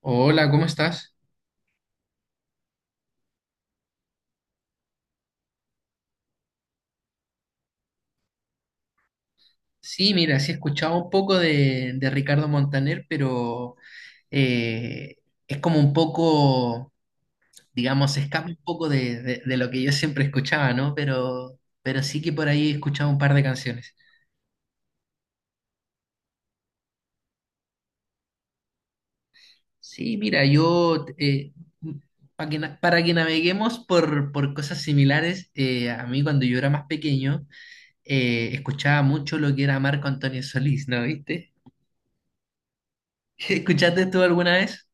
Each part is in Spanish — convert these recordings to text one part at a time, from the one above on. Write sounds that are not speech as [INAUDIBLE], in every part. Hola, ¿cómo estás? Sí, mira, sí he escuchado un poco de Ricardo Montaner, pero eh, es como un poco, digamos, se escapa un poco de lo que yo siempre escuchaba, ¿no? Pero sí que por ahí he escuchado un par de canciones. Sí, mira, yo, para que naveguemos por cosas similares, a mí cuando yo era más pequeño, escuchaba mucho lo que era Marco Antonio Solís, ¿no? ¿Viste? [LAUGHS] ¿Escuchaste tú alguna vez?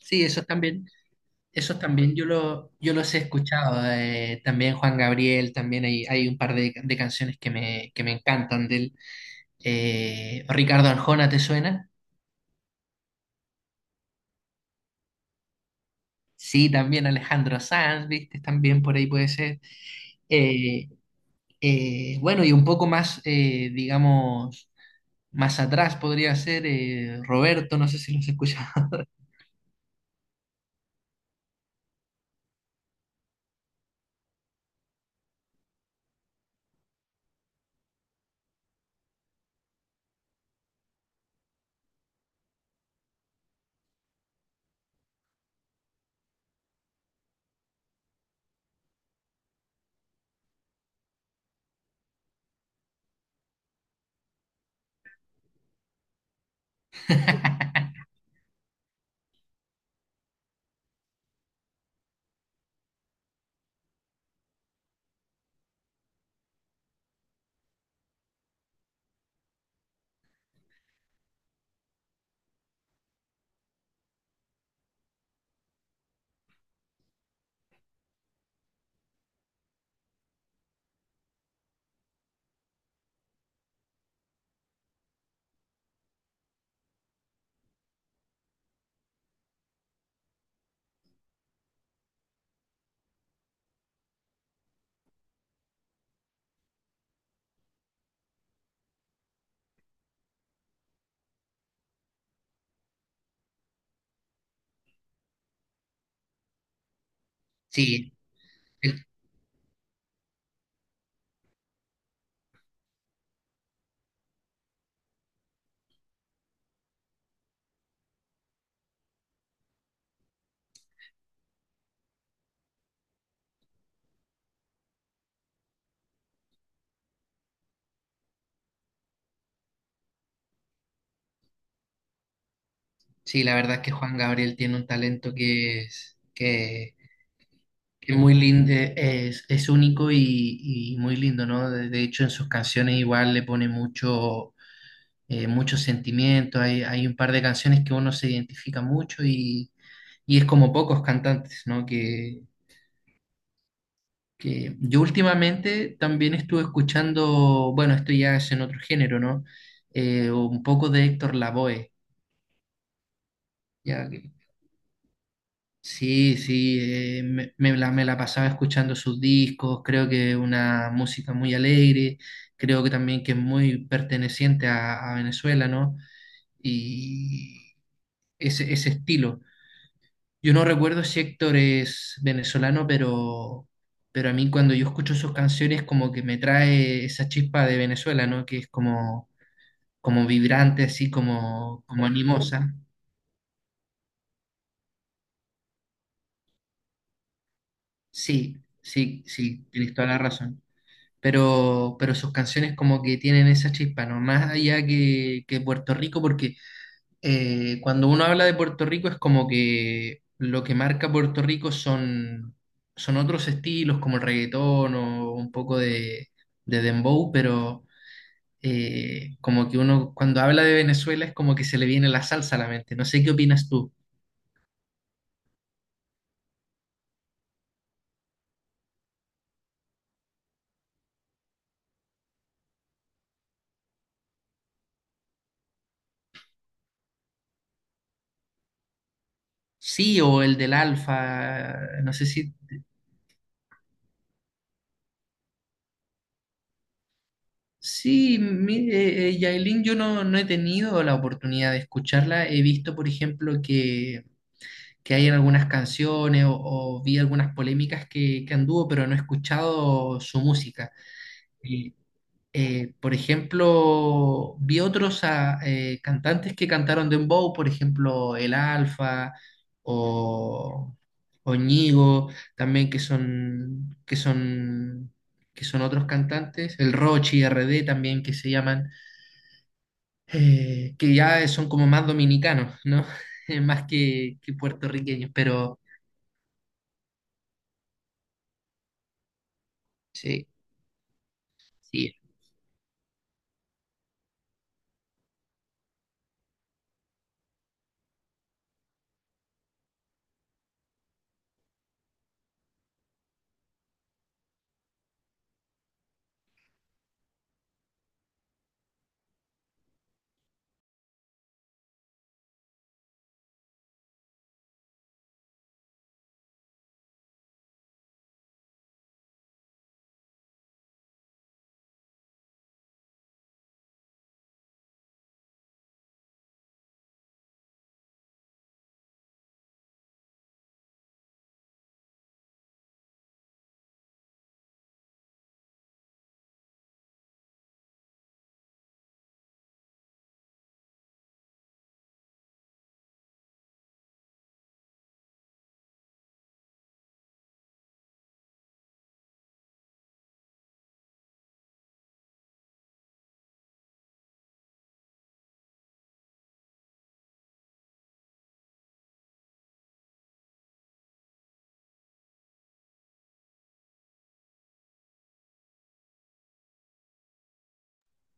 Sí, eso también. Eso también yo, lo, yo los he escuchado, también Juan Gabriel, también hay un par de canciones que me encantan de él. Ricardo Arjona, ¿te suena? Sí, también Alejandro Sanz, ¿viste? También por ahí puede ser. Eh, bueno, y un poco más, digamos, más atrás podría ser Roberto, no sé si los has escuchado. [LAUGHS] Sí, el- sí, la verdad es que Juan Gabriel tiene un talento que muy lindo, es único y muy lindo, ¿no? De hecho, en sus canciones igual le pone mucho, mucho sentimiento. Hay un par de canciones que uno se identifica mucho y es como pocos cantantes, ¿no? Que yo últimamente también estuve escuchando, bueno, esto ya es en otro género, ¿no? Un poco de Héctor Lavoe, ya. Sí, sí, me la pasaba escuchando sus discos, creo que una música muy alegre, creo que también que es muy perteneciente a Venezuela, ¿no? Y ese estilo. Yo no recuerdo si Héctor es venezolano, pero a mí cuando yo escucho sus canciones como que me trae esa chispa de Venezuela, ¿no? Que es como, como vibrante, así como, como animosa. Sí, sí, sí, tienes toda la razón. Pero sus canciones como que tienen esa chispa, ¿no? Más allá que Puerto Rico, porque cuando uno habla de Puerto Rico es como que lo que marca Puerto Rico son, son otros estilos como el reggaetón o un poco de dembow, pero como que uno cuando habla de Venezuela es como que se le viene la salsa a la mente. No sé qué opinas tú. Sí, o el del Alfa, no sé si. Sí, mire, Yailin, yo no, no he tenido la oportunidad de escucharla. He visto, por ejemplo, que hay en algunas canciones o vi algunas polémicas que anduvo, pero no he escuchado su música. Y, por ejemplo, vi otros ah, cantantes que cantaron Dembow, por ejemplo, El Alfa o, o Ñigo, también que son, que son, que son otros cantantes, el Rochi, RD también que se llaman que ya son como más dominicanos, ¿no? [LAUGHS] Más que puertorriqueños, pero sí, sí.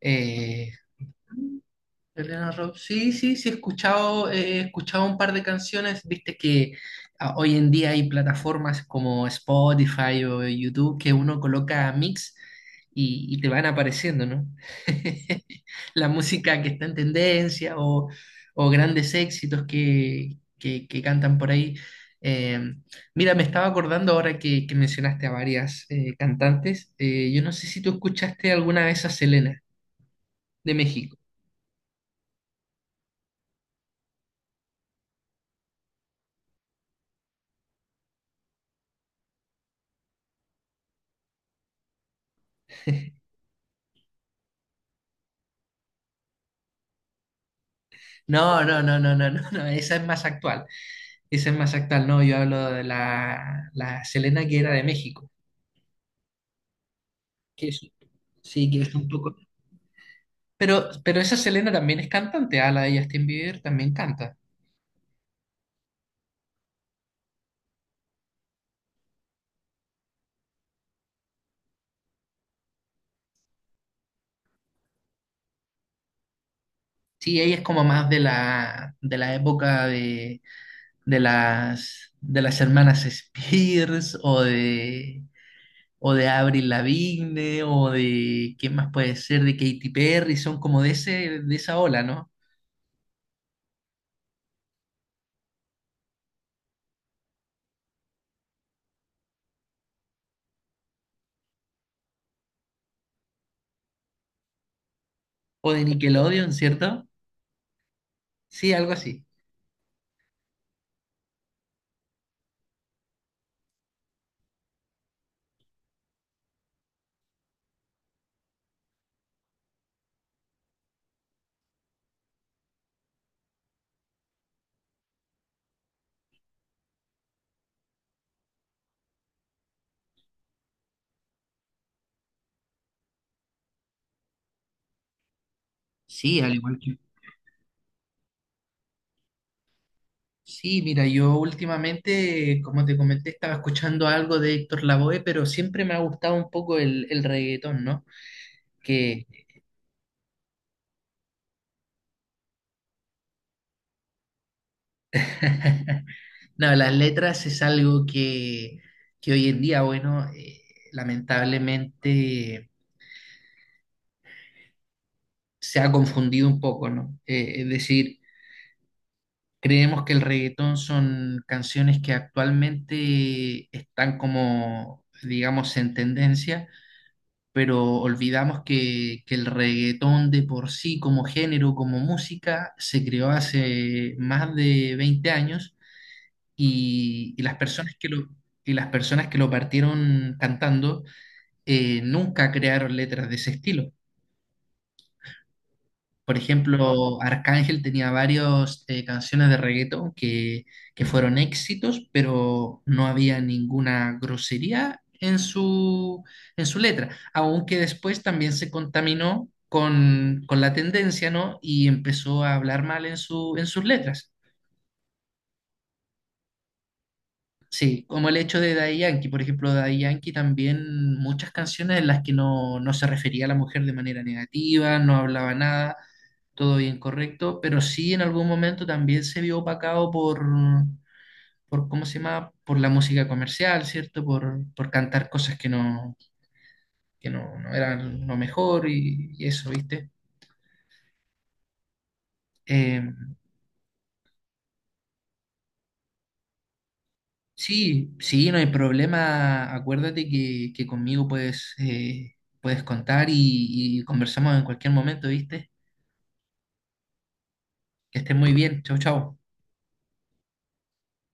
eh, Elena Rob, sí, sí, sí, he escuchado un par de canciones, viste que ah, hoy en día hay plataformas como Spotify o YouTube que uno coloca mix y te van apareciendo, ¿no? [LAUGHS] La música que está en tendencia o grandes éxitos que cantan por ahí. Eh, mira, me estaba acordando ahora que mencionaste a varias cantantes. Yo no sé si tú escuchaste alguna vez a Selena de México. No, no, no, no, no, no, no, esa es más actual. Esa es más actual, no, yo hablo de la, la Selena que era de México, que es, sí, que es un poco... pero esa Selena también es cantante, ah, la de Justin Bieber también canta. Sí, ella es como más de la época de las hermanas Spears o de Avril Lavigne o de, ¿qué más puede ser? De Katy Perry, son como de ese, de esa ola, ¿no? ¿O de Nickelodeon, cierto? Sí, algo así. Sí, al igual que... Sí, mira, yo últimamente, como te comenté, estaba escuchando algo de Héctor Lavoe, pero siempre me ha gustado un poco el reggaetón, ¿no? Que, [LAUGHS] no, las letras es algo que hoy en día, bueno, lamentablemente se ha confundido un poco, ¿no? Es decir, creemos que el reggaetón son canciones que actualmente están como, digamos, en tendencia pero olvidamos que el reggaetón de por sí, como género, como música, se creó hace más de 20 años y las personas que lo, y las personas que lo partieron cantando nunca crearon letras de ese estilo. Por ejemplo, Arcángel tenía varias canciones de reggaetón que fueron éxitos, pero no había ninguna grosería en su letra, aunque después también se contaminó con la tendencia, ¿no? Y empezó a hablar mal en su, en sus letras. Sí, como el hecho de Daddy Yankee, por ejemplo, Daddy Yankee también muchas canciones en las que no, no se refería a la mujer de manera negativa, no hablaba nada, todo bien correcto, pero sí en algún momento también se vio opacado por ¿cómo se llama? Por la música comercial, ¿cierto? Por cantar cosas que no, no eran lo mejor y eso, ¿viste? Eh, Sí, sí, no hay problema. Acuérdate que conmigo puedes, puedes contar y conversamos en cualquier momento, ¿viste? Que estés muy bien. Chau, chau.